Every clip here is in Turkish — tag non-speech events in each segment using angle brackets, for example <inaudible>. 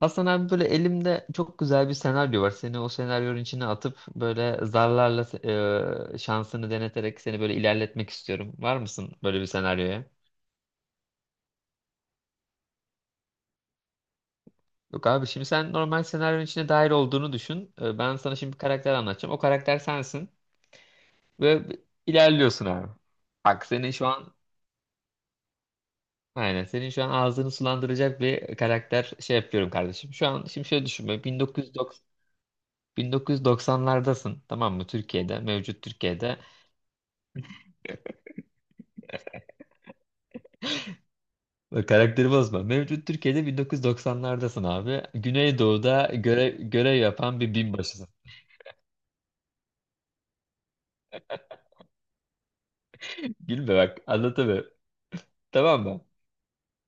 Hasan abi, böyle elimde çok güzel bir senaryo var. Seni o senaryonun içine atıp böyle zarlarla şansını deneterek seni böyle ilerletmek istiyorum. Var mısın böyle bir senaryoya? Yok abi, şimdi sen normal senaryonun içine dahil olduğunu düşün. Ben sana şimdi bir karakter anlatacağım. O karakter sensin ve ilerliyorsun abi. Bak, senin şu an aynen senin şu an ağzını sulandıracak bir karakter şey yapıyorum kardeşim. Şu an şimdi şöyle düşünme, 1990'lardasın, tamam mı? Türkiye'de, mevcut Türkiye'de. Bak, karakteri bozma. Mevcut Türkiye'de 1990'lardasın abi. Güneydoğu'da görev yapan bir binbaşısın. Gülme bak, anlatamıyorum. Tamam mı?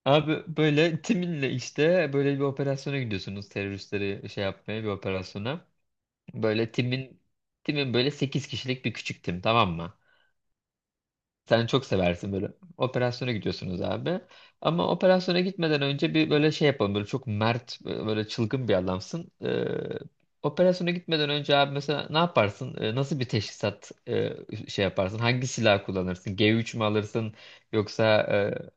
Abi böyle timinle işte böyle bir operasyona gidiyorsunuz. Teröristleri şey yapmaya bir operasyona. Böyle timin böyle 8 kişilik bir küçük tim, tamam mı? Sen çok seversin böyle. Operasyona gidiyorsunuz abi. Ama operasyona gitmeden önce bir böyle şey yapalım. Böyle çok mert, böyle çılgın bir adamsın. Operasyona gitmeden önce abi mesela ne yaparsın? Nasıl bir teşhisat şey yaparsın? Hangi silah kullanırsın? G3 mü alırsın? Yoksa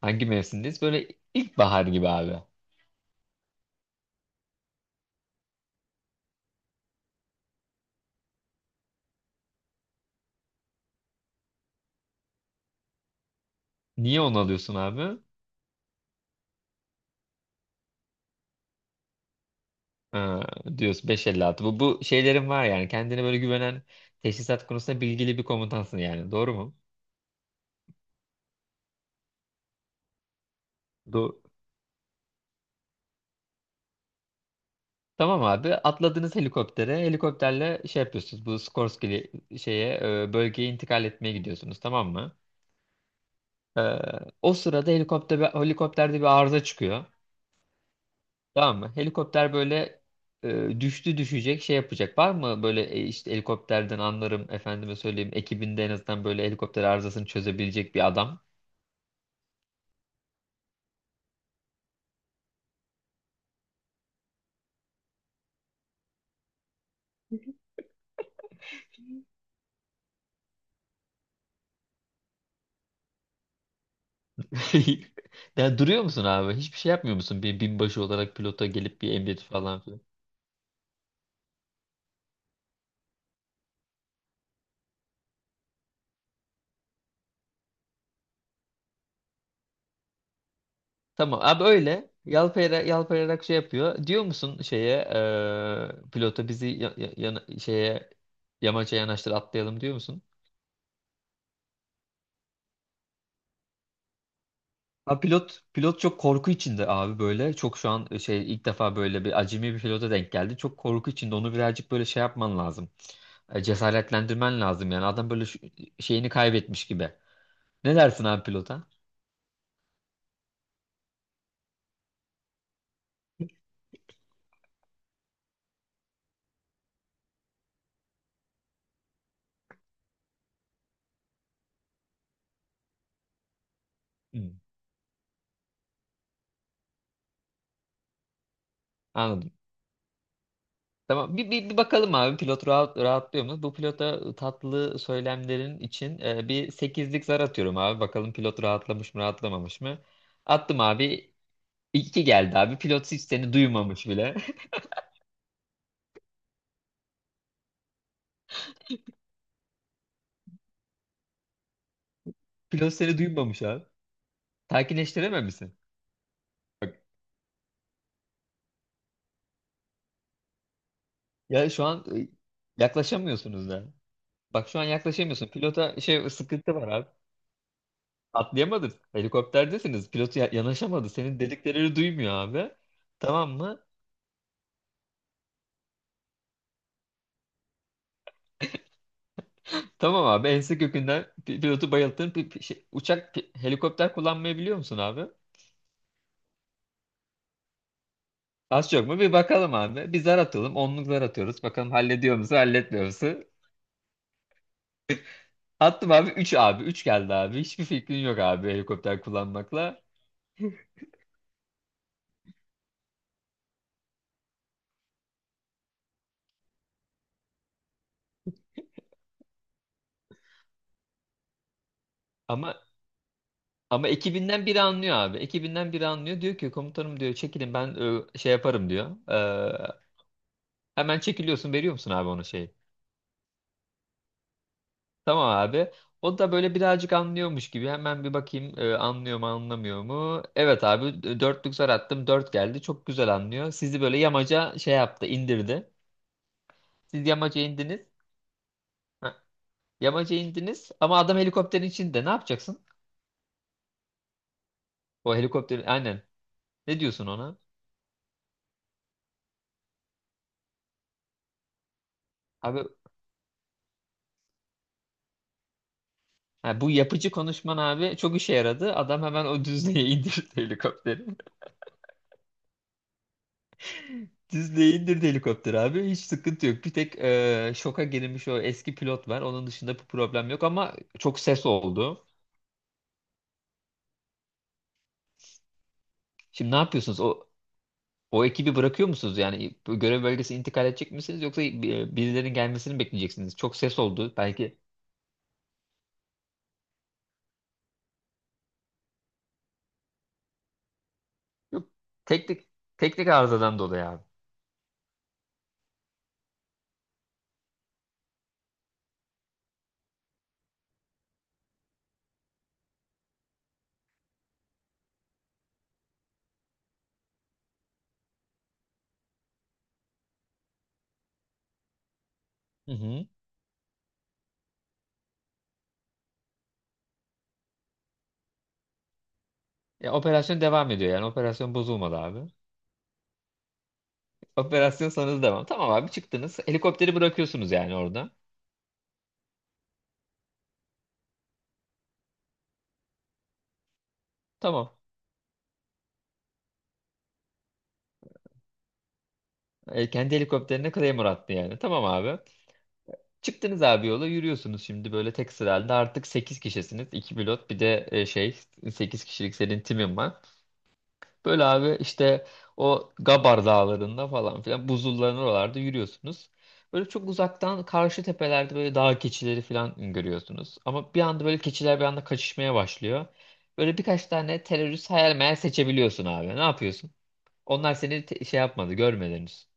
hangi mevsimdeyiz? Böyle ilkbahar gibi abi. Niye onu alıyorsun abi? Ha, diyorsun 5.56. Bu şeylerin var yani. Kendine böyle güvenen, teşhisat konusunda bilgili bir komutansın yani. Doğru mu? Tamam abi, atladınız helikoptere, helikopterle şey yapıyorsunuz, bu Skorsky şeye bölgeye intikal etmeye gidiyorsunuz, tamam mı? E, o sırada, helikopterde bir arıza çıkıyor, tamam mı? Helikopter böyle düştü düşecek şey yapacak, var mı böyle işte helikopterden anlarım, efendime söyleyeyim, ekibinde en azından böyle helikopter arızasını çözebilecek bir adam? <laughs> Ya duruyor musun abi, hiçbir şey yapmıyor musun bir binbaşı olarak pilota gelip bir emret falan? Tamam abi, öyle. Yalpayarak şey yapıyor. Diyor musun şeye pilota bizi şeye, yamaca yanaştır atlayalım diyor musun? Ha, pilot çok korku içinde abi böyle. Çok şu an şey, ilk defa böyle bir acemi bir pilota denk geldi. Çok korku içinde, onu birazcık böyle şey yapman lazım. Cesaretlendirmen lazım yani. Adam böyle şeyini kaybetmiş gibi. Ne dersin abi pilota? Hı. Anladım. Tamam, bir bakalım abi, pilot rahatlıyor mu? Bu pilota tatlı söylemlerin için bir sekizlik zar atıyorum abi. Bakalım pilot rahatlamış mı rahatlamamış mı? Attım abi. İki geldi abi. Pilot hiç seni duymamış bile. <laughs> Pilot seni duymamış abi. Sakinleştirememişsin. Bak, ya şu an yaklaşamıyorsunuz da. Bak şu an yaklaşamıyorsun. Pilota şey, sıkıntı var abi. Atlayamadın. Helikopterdesiniz. Pilot yanaşamadı. Senin dediklerini duymuyor abi. Tamam mı? Tamam abi, ense kökünden pilotu bayılttın. Helikopter kullanmayı biliyor musun abi? Az çok mu? Bir bakalım abi. Bir zar atalım. 10'luk zar atıyoruz. Bakalım hallediyor musun halletmiyor musun? Attım abi, 3 abi. Üç geldi abi. Hiçbir fikrin yok abi helikopter kullanmakla. Ama ama ekibinden biri anlıyor abi. Ekibinden biri anlıyor. Diyor ki komutanım, diyor çekilin, ben şey yaparım diyor. Hemen çekiliyorsun, veriyor musun abi ona şeyi? Tamam abi. O da böyle birazcık anlıyormuş gibi. Hemen bir bakayım anlıyor mu anlamıyor mu? Evet abi, dörtlük zar attım. Dört geldi. Çok güzel anlıyor. Sizi böyle yamaca şey yaptı, indirdi. Siz yamaca indiniz. Ha, yamaca indiniz ama adam helikopterin içinde. Ne yapacaksın? O helikopterin aynen. Ne diyorsun ona? Abi, ha, bu yapıcı konuşman abi çok işe yaradı. Adam hemen o düzlüğe <laughs> indirdi helikopteri. Dizle'ye indirdi helikopter abi. Hiç sıkıntı yok. Bir tek şoka girilmiş o eski pilot var. Onun dışında bir problem yok ama çok ses oldu. Şimdi ne yapıyorsunuz? O ekibi bırakıyor musunuz? Yani bu görev bölgesi intikal edecek misiniz? Yoksa birilerinin gelmesini mi bekleyeceksiniz? Çok ses oldu. Belki... Yok, teknik teknik arızadan dolayı abi. Hı hı. Ya, operasyon devam ediyor yani. Operasyon bozulmadı abi. Operasyon sonrası devam. Tamam abi, çıktınız. Helikopteri bırakıyorsunuz yani orada. Tamam. Kendi helikopterine Claymore attı yani. Tamam abi. Çıktınız abi, yola yürüyorsunuz şimdi böyle tek sıra halinde. Artık 8 kişisiniz. İki pilot bir de şey, 8 kişilik senin timin var. Böyle abi, işte o Gabar dağlarında falan filan buzulların oralarda yürüyorsunuz. Böyle çok uzaktan karşı tepelerde böyle dağ keçileri falan görüyorsunuz. Ama bir anda böyle keçiler bir anda kaçışmaya başlıyor. Böyle birkaç tane terörist hayal meyal seçebiliyorsun abi. Ne yapıyorsun? Onlar seni şey yapmadı, görmediniz.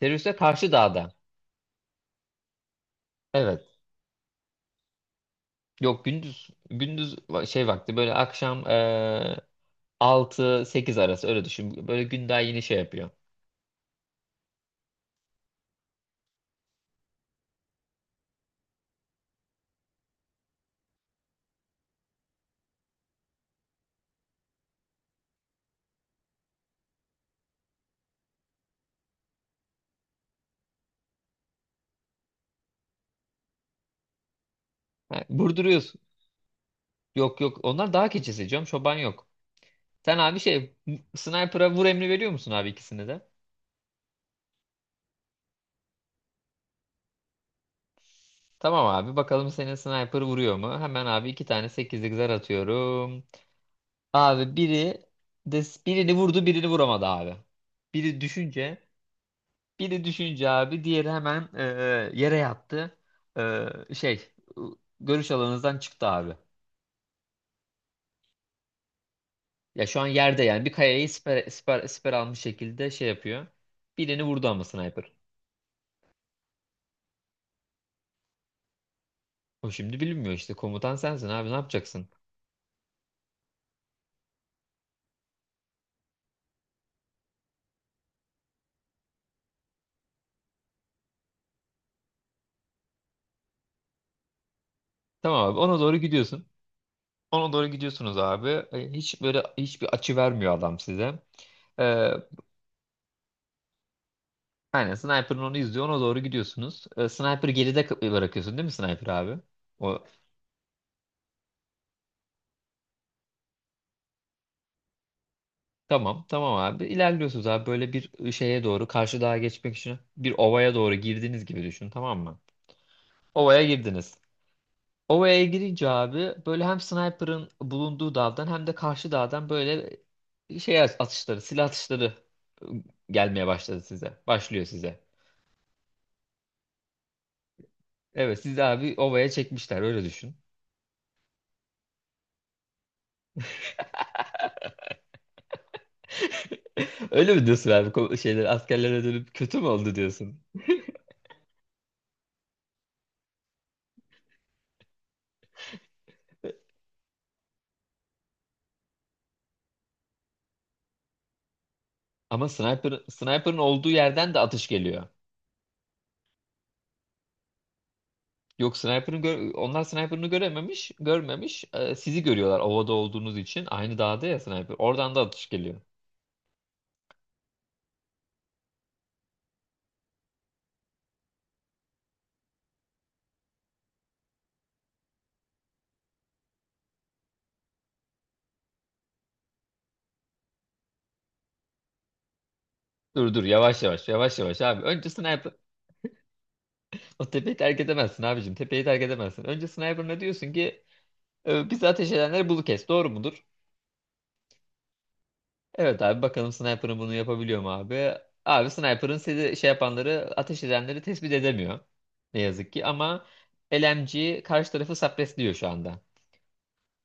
Teröriste karşı dağda. Evet. Yok, gündüz şey vakti, böyle akşam 6-8 arası öyle düşün. Böyle gün daha yeni şey yapıyor. Ha, vurduruyorsun. Yok yok, onlar daha keçisi canım, çoban yok. Sen abi şey sniper'a vur emri veriyor musun abi ikisini de? Tamam abi, bakalım senin sniper vuruyor mu? Hemen abi iki tane 8'lik zar atıyorum. Abi biri de birini vurdu, birini vuramadı abi. Biri düşünce Biri düşünce abi, diğeri hemen yere yattı. E, şey, görüş alanınızdan çıktı abi. Ya şu an yerde yani, bir kayayı siper almış şekilde şey yapıyor. Birini vurdu ama sniper. O şimdi bilinmiyor işte. Komutan sensin abi, ne yapacaksın? Tamam abi, ona doğru gidiyorsun. Ona doğru gidiyorsunuz abi. Hiç böyle hiçbir açı vermiyor adam size. E, aynen sniper'ın onu izliyor. Ona doğru gidiyorsunuz. Sniper geride bırakıyorsun değil mi sniper abi? O... Tamam, tamam abi. İlerliyorsunuz abi, böyle bir şeye doğru, karşı dağa geçmek için bir ovaya doğru girdiğiniz gibi düşün, tamam mı? Ovaya girdiniz. Ovaya girince abi böyle hem sniper'ın bulunduğu dağdan hem de karşı dağdan böyle şey silah atışları ıı, gelmeye başladı size. Başlıyor size. Evet, sizi abi ovaya çekmişler, öyle düşün. <laughs> Öyle mi diyorsun abi, şeyler, askerlere dönüp kötü mü oldu diyorsun? Ama sniper'ın olduğu yerden de atış geliyor. Yok, sniper'ın onlar sniper'ını görmemiş. Sizi görüyorlar ovada olduğunuz için. Aynı dağda ya sniper. Oradan da atış geliyor. Dur dur, yavaş yavaş, yavaş yavaş abi. Önce sniper. O tepeyi terk edemezsin abicim. Tepeyi terk edemezsin. Önce sniper, ne diyorsun ki bizi ateş edenleri bulu kes. Doğru mudur? Evet abi, bakalım sniper'ın bunu yapabiliyor mu abi? Abi sniper'ın sizi şey yapanları, ateş edenleri tespit edemiyor. Ne yazık ki ama LMG karşı tarafı suppressliyor şu anda.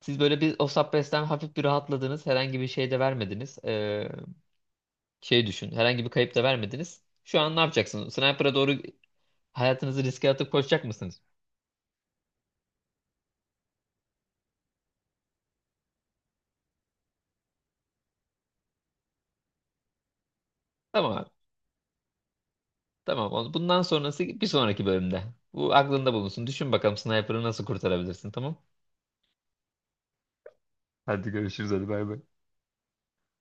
Siz böyle bir o Subpress'ten hafif bir rahatladınız. Herhangi bir şey de vermediniz. Şey düşün. Herhangi bir kayıp da vermediniz. Şu an ne yapacaksınız? Sniper'a doğru hayatınızı riske atıp koşacak mısınız? Tamam abi. Tamam. Bundan sonrası bir sonraki bölümde. Bu aklında bulunsun. Düşün bakalım sniper'ı nasıl kurtarabilirsin, tamam? Hadi görüşürüz, hadi bay bay.